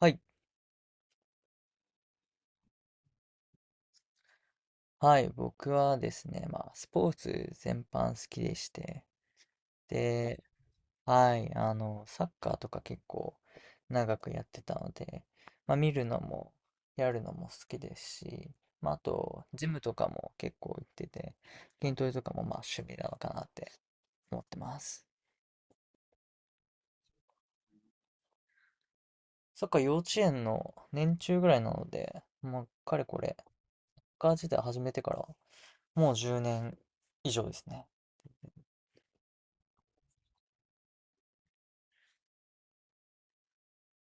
はい。はい。僕はですね、まあ、スポーツ全般好きでして、で、はい。あの、サッカーとか結構長くやってたので、まあ、見るのも、やるのも好きですし、まあ、あと、ジムとかも結構行ってて、筋トレとかもまあ趣味なのかなって思ってます。サッカー幼稚園の年中ぐらいなので、もう、かれこれ、サッカー自体始めてから、もう10年以上ですね。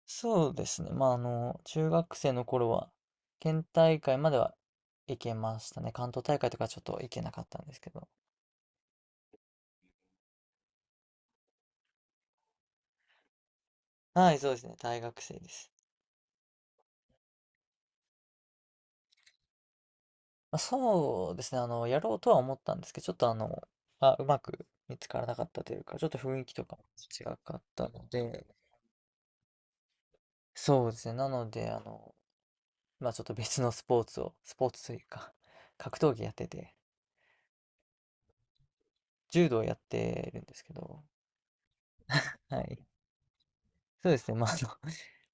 そうですね。まあ、あの、中学生の頃は、県大会までは行けましたね。関東大会とかちょっと行けなかったんですけど。はい、そうですね。大学生です。まあ、そうですね。あの、やろうとは思ったんですけど、ちょっとあの、あ、うまく見つからなかったというか、ちょっと雰囲気とかも違かったので、そうですね。なので、あの、まあ、ちょっと別のスポーツというか、格闘技やってて、柔道やってるんですけど、はい。そうですね。まあ、あの、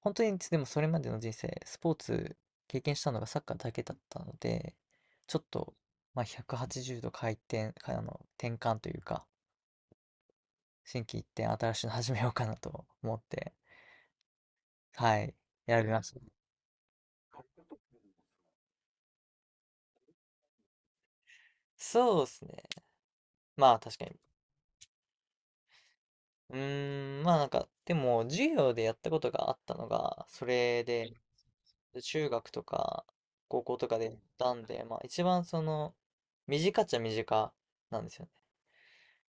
本当にでもそれまでの人生、スポーツ経験したのがサッカーだけだったので、ちょっと、まあ、180度回転、かあの、転換というか、心機一転、新しいの始めようかなと思って、はい、選びましたね。そうですね。まあ確かに。うーん、まあなんか、でも授業でやったことがあったのが、それで、中学とか高校とかでやったんで、まあ一番その、短っちゃ短なんですよね。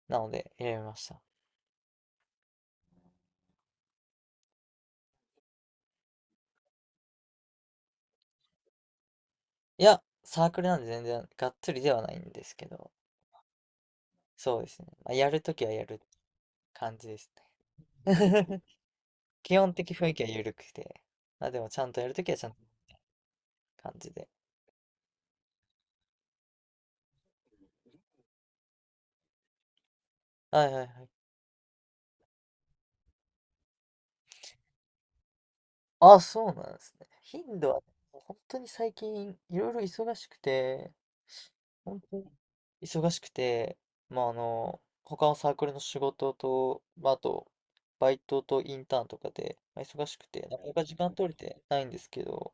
なので選びました。いや、サークルなんで全然がっつりではないんですけど、そうですね。まあ、やるときはやる感じですね。基本的雰囲気は緩くて、まあでもちゃんとやるときはちゃんと感じで。はいはいはい。あ、そうなんですね。頻度は、もう本当に最近いろいろ忙しくて、本当に忙しくて、まああの、他のサークルの仕事と、まあ、あと、バイトとインターンとかで、まあ忙しくて、なかなか時間取れてないんですけど、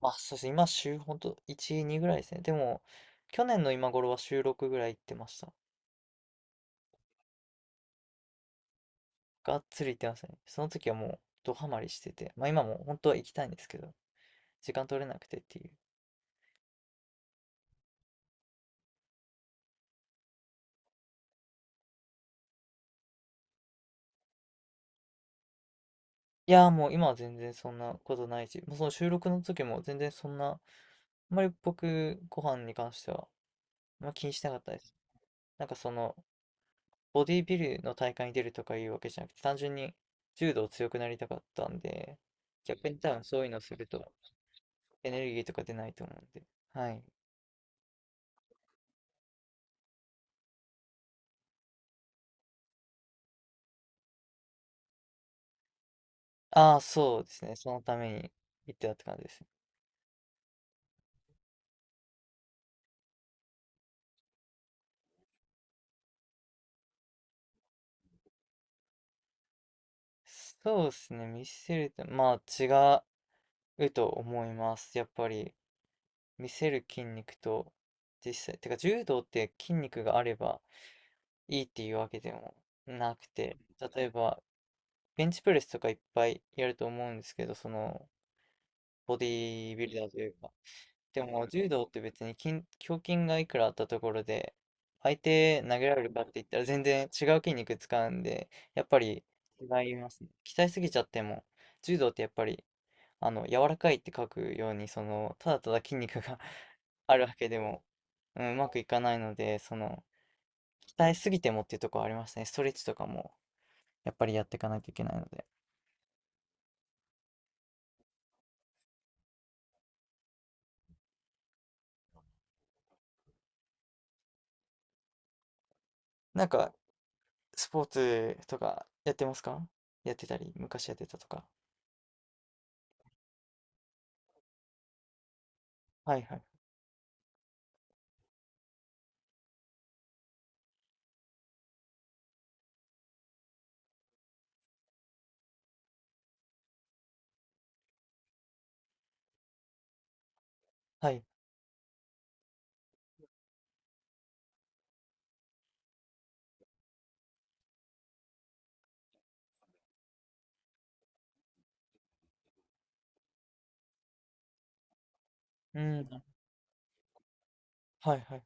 あ、そうですね。今、週、ほんと、1、2ぐらいですね。でも、去年の今頃は週6ぐらい行ってました。がっつり行ってますね。その時はもう、ドハマりしてて。まあ今も本当は行きたいんですけど、時間取れなくてっていう。いやーもう今は全然そんなことないし、もうその収録の時も全然そんな、あんまり僕、ご飯に関しては、あんま気にしてなかったです。なんかその、ボディビルの大会に出るとかいうわけじゃなくて、単純に柔道強くなりたかったんで、逆に多分そういうのをするとエネルギーとか出ないと思うんで。はい。ああ、そうですね。そのために行ってたって感じですね。そうですね。見せると、まあ違うと思います。やっぱり見せる筋肉と実際、てか柔道って筋肉があればいいっていうわけでもなくて、例えばベンチプレスとかいっぱいやると思うんですけど、そのボディービルダーというか、でも柔道って別に胸筋がいくらあったところで、相手投げられるかって言ったら全然違う筋肉使うんで、やっぱり違いますね。鍛えすぎちゃっても、柔道ってやっぱり、あの、柔らかいって書くように、その、ただただ筋肉が あるわけでも、うん、うまくいかないので、その、鍛えすぎてもっていうところありますね。ストレッチとかも、やっぱりやっていかないといけないので。なんか、スポーツとかやってますか？やってたり、昔やってたとか。はいはい。はい。うん。はいはい。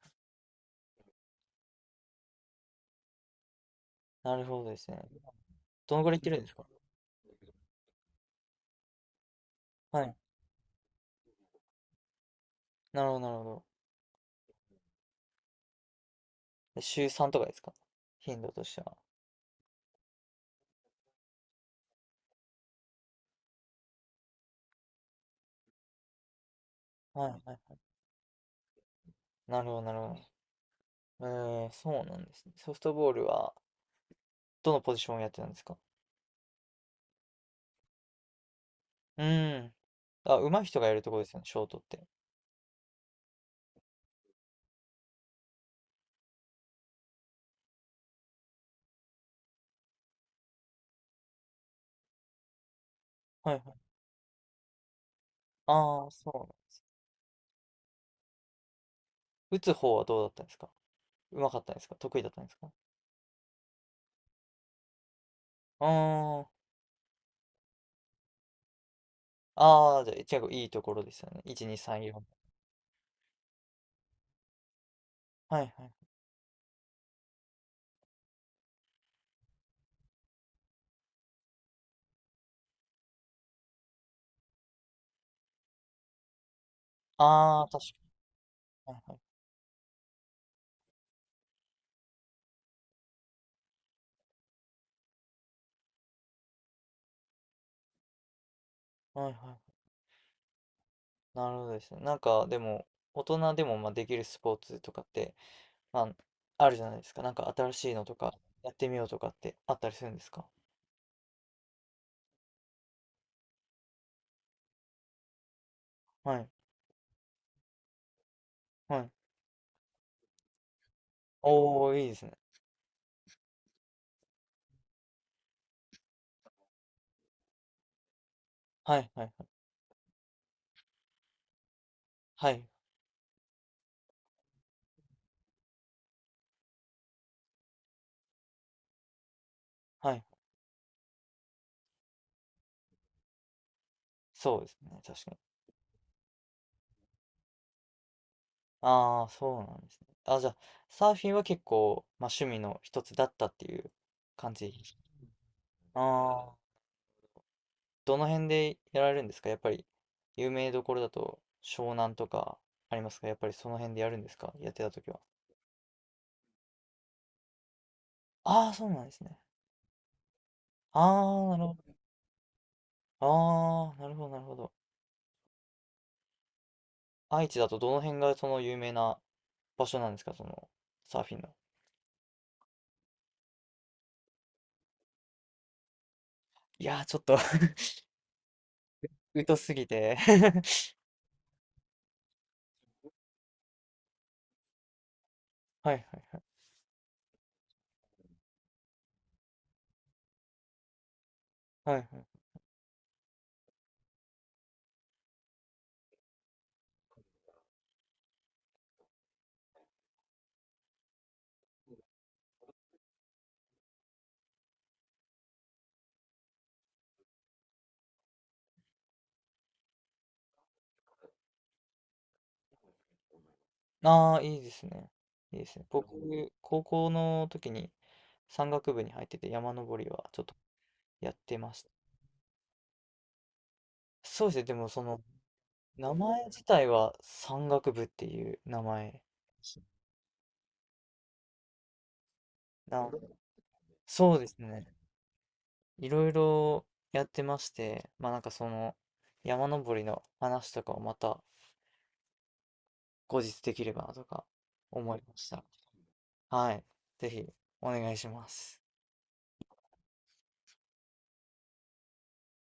なるほどですね。どのぐらい行ってるんですか？はい。なるほど、なるほど。で週3とかですか？頻度としては。はいはいはい。なるほど、なるほど。えー、そうなんですね。ソフトボールは、どのポジションをやってたんですか？うーん。あ、上手い人がやるところですよね、ショートって。はいはい。ああ、そう。打つ方はどうだったんですか？上手かったんですか？得意だったんですか？うーん。ああ、じゃあ、結構いいところですよね。1、2、3、4。はいはい。ああ、確かに。はいはい。はいはい。なるほどですね。なんか、でも、大人でもまあできるスポーツとかって、まあ、あるじゃないですか。なんか新しいのとか、やってみようとかってあったりするんですか？はい、はい。おお、いいですね。はい、はい、はい、はいはい。そうですね。確かに。ああ、そうなんですね。あ、じゃあ、サーフィンは結構、まあ、趣味の一つだったっていう感じ。ああ、どの辺でやられるんですか？やっぱり、有名どころだと、湘南とかありますか？やっぱりその辺でやるんですか？やってた時は。ああ、そうなんですね。ああ、なるほど。ああ、なるほど、なるほど。愛知だとどの辺がその有名な場所なんですか、そのサーフィンの。いやー、ちょっと 疎すぎて はいはいはい。はいはい。ああ、いいですね。いいですね。僕、高校の時に山岳部に入ってて山登りはちょっとやってました。そうですね。でもその名前自体は山岳部っていう名前な、そうですね。いろいろやってまして、まあなんかその山登りの話とかをまた後日できればなとか思いました。はい。ぜひお願いします。